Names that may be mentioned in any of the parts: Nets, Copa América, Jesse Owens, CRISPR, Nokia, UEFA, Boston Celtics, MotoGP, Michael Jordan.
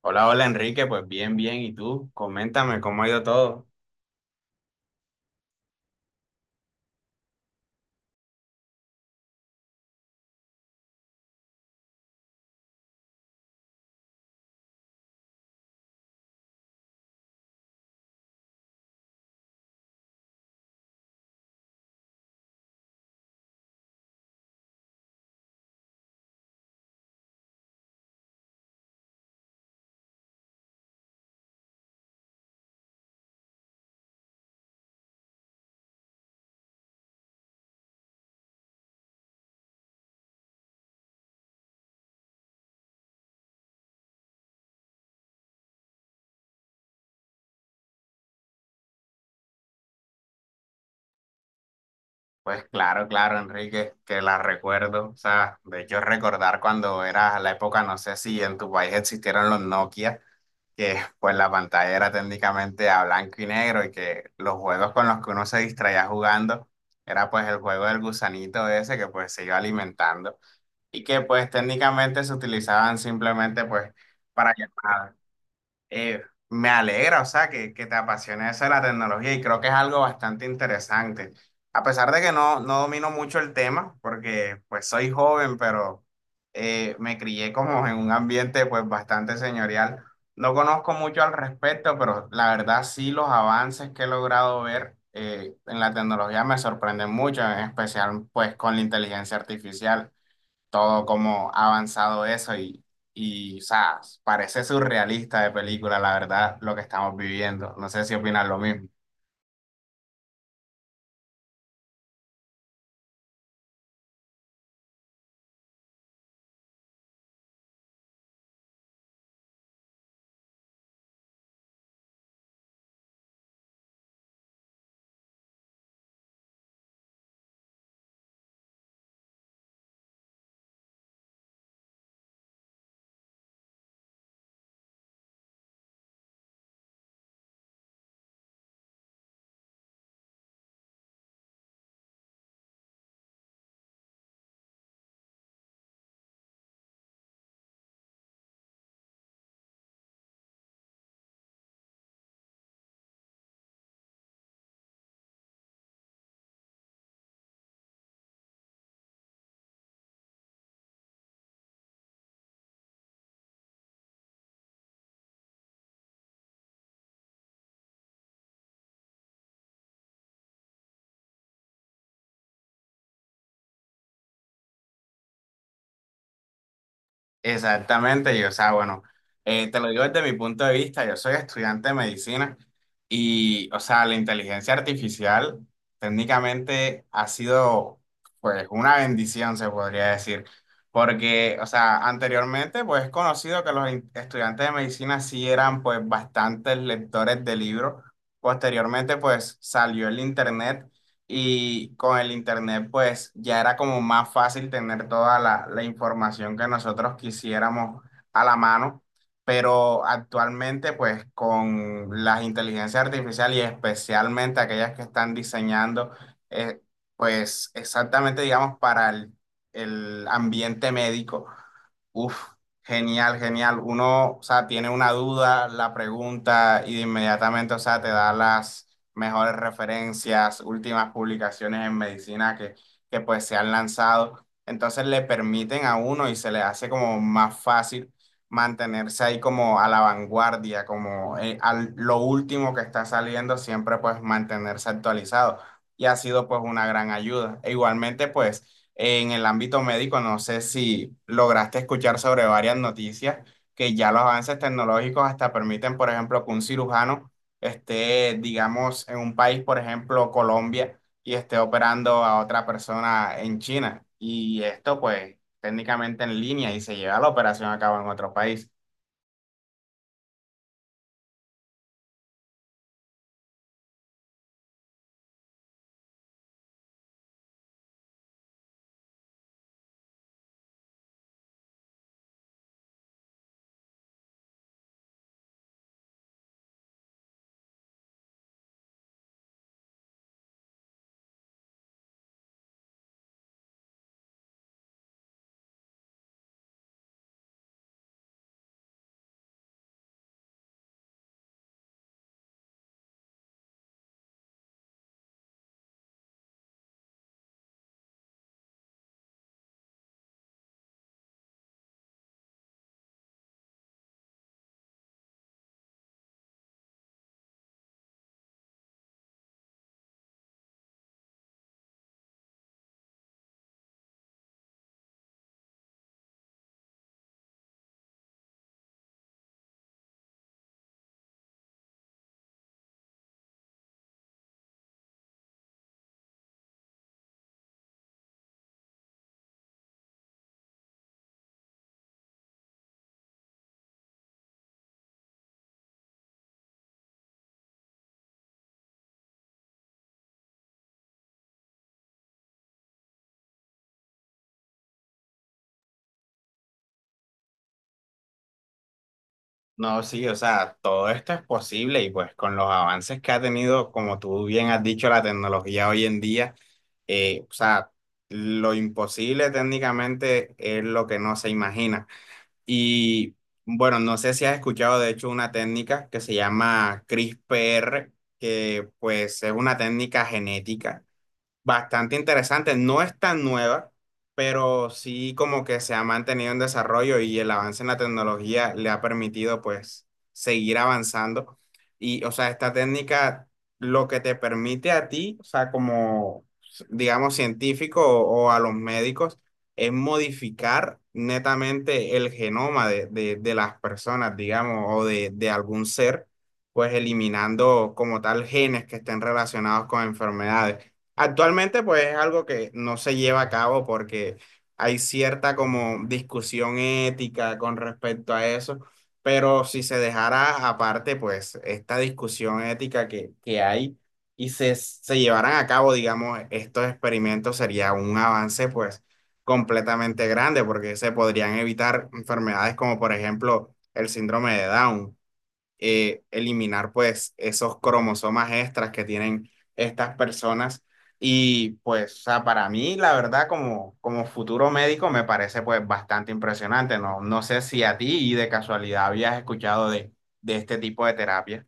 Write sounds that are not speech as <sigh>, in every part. Hola, hola Enrique, pues bien, bien. ¿Y tú? Coméntame cómo ha ido todo. Pues claro, claro, Enrique, que la recuerdo. O sea, de hecho recordar cuando era la época, no sé si en tu país existieron los Nokia, que pues la pantalla era técnicamente a blanco y negro y que los juegos con los que uno se distraía jugando era pues el juego del gusanito ese que pues se iba alimentando y que pues técnicamente se utilizaban simplemente pues para llamadas. Eh, Me alegra, o sea, que te apasione eso de la tecnología y creo que es algo bastante interesante. A pesar de que no, no domino mucho el tema, porque pues soy joven, pero me crié como en un ambiente pues bastante señorial. No conozco mucho al respecto, pero la verdad sí los avances que he logrado ver en la tecnología me sorprenden mucho, en especial pues con la inteligencia artificial todo cómo ha avanzado eso y, o sea, parece surrealista de película, la verdad, lo que estamos viviendo. No sé si opinas lo mismo. Exactamente, y o sea, bueno, te lo digo desde mi punto de vista, yo soy estudiante de medicina y, o sea, la inteligencia artificial técnicamente ha sido, pues, una bendición, se podría decir, porque, o sea, anteriormente, pues, es conocido que estudiantes de medicina sí eran, pues, bastantes lectores de libros. Posteriormente, pues, salió el Internet y con el internet pues ya era como más fácil tener toda la información que nosotros quisiéramos a la mano, pero actualmente pues con las inteligencias artificiales y especialmente aquellas que están diseñando eh, pues exactamente digamos para el ambiente médico, uf, genial, genial. Uno, o sea, tiene una duda, la pregunta y de inmediatamente, o sea, te da las mejores referencias, últimas publicaciones en medicina que pues se han lanzado. Entonces le permiten a uno y se le hace como más fácil mantenerse ahí como a la vanguardia, como lo último que está saliendo, siempre pues mantenerse actualizado. Y ha sido pues una gran ayuda. E igualmente pues… En el ámbito médico, no sé si lograste escuchar sobre varias noticias que ya los avances tecnológicos hasta permiten, por ejemplo, que un cirujano esté, digamos, en un país, por ejemplo, Colombia, y esté operando a otra persona en China. Y esto, pues, técnicamente en línea y se lleva la operación a cabo en otro país. No, sí, o sea, todo esto es posible y pues con los avances que ha tenido, como tú bien has dicho, la tecnología hoy en día, o sea, lo imposible técnicamente es lo que no se imagina. Y bueno, no sé si has escuchado de hecho una técnica que se llama CRISPR, que pues es una técnica genética bastante interesante. No es tan nueva, pero sí como que se ha mantenido en desarrollo y el avance en la tecnología le ha permitido pues seguir avanzando. Y o sea, esta técnica lo que te permite a ti, o sea, como digamos científico o a los médicos, es modificar netamente el genoma de las personas, digamos, o de algún ser, pues eliminando como tal genes que estén relacionados con enfermedades. Actualmente, pues es algo que no se lleva a cabo porque hay cierta como discusión ética con respecto a eso, pero si se dejara aparte, pues esta discusión ética que hay y se llevaran a cabo, digamos, estos experimentos sería un avance pues completamente grande porque se podrían evitar enfermedades como por ejemplo el síndrome de Down eliminar pues esos cromosomas extras que tienen estas personas. Y pues, o sea, para mí, la verdad, como, como futuro médico, me parece pues bastante impresionante. No, no sé si a ti de casualidad habías escuchado de este tipo de terapia.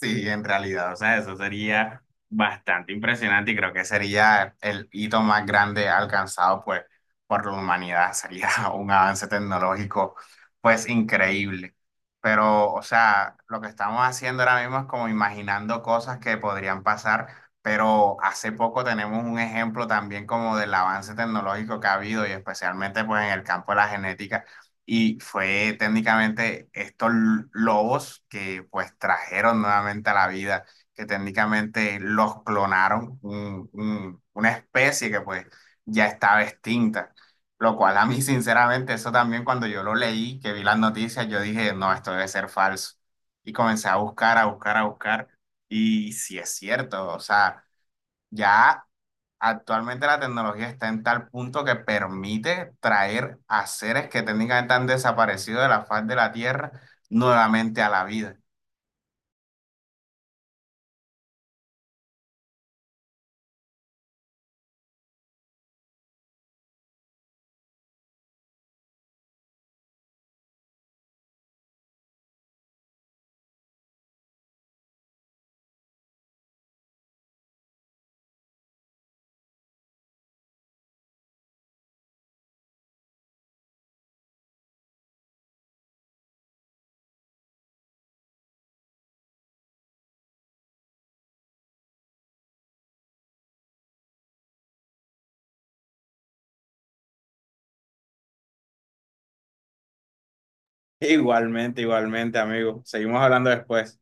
Sí, en realidad, o sea, eso sería bastante impresionante y creo que sería el hito más grande alcanzado pues por la humanidad, sería <laughs> un avance tecnológico pues increíble. Pero, o sea, lo que estamos haciendo ahora mismo es como imaginando cosas que podrían pasar, pero hace poco tenemos un ejemplo también como del avance tecnológico que ha habido y especialmente pues en el campo de la genética y fue técnicamente estos lobos que pues trajeron nuevamente a la vida, que técnicamente los clonaron, una especie que pues ya estaba extinta. Lo cual a mí <laughs> sinceramente eso también cuando yo lo leí, que vi las noticias, yo dije, no, esto debe ser falso. Y comencé a buscar, a buscar, a buscar. Y sí es cierto, o sea, ya actualmente la tecnología está en tal punto que permite traer a seres que técnicamente han desaparecido de la faz de la Tierra nuevamente a la vida. Igualmente, igualmente, amigo. Seguimos hablando después.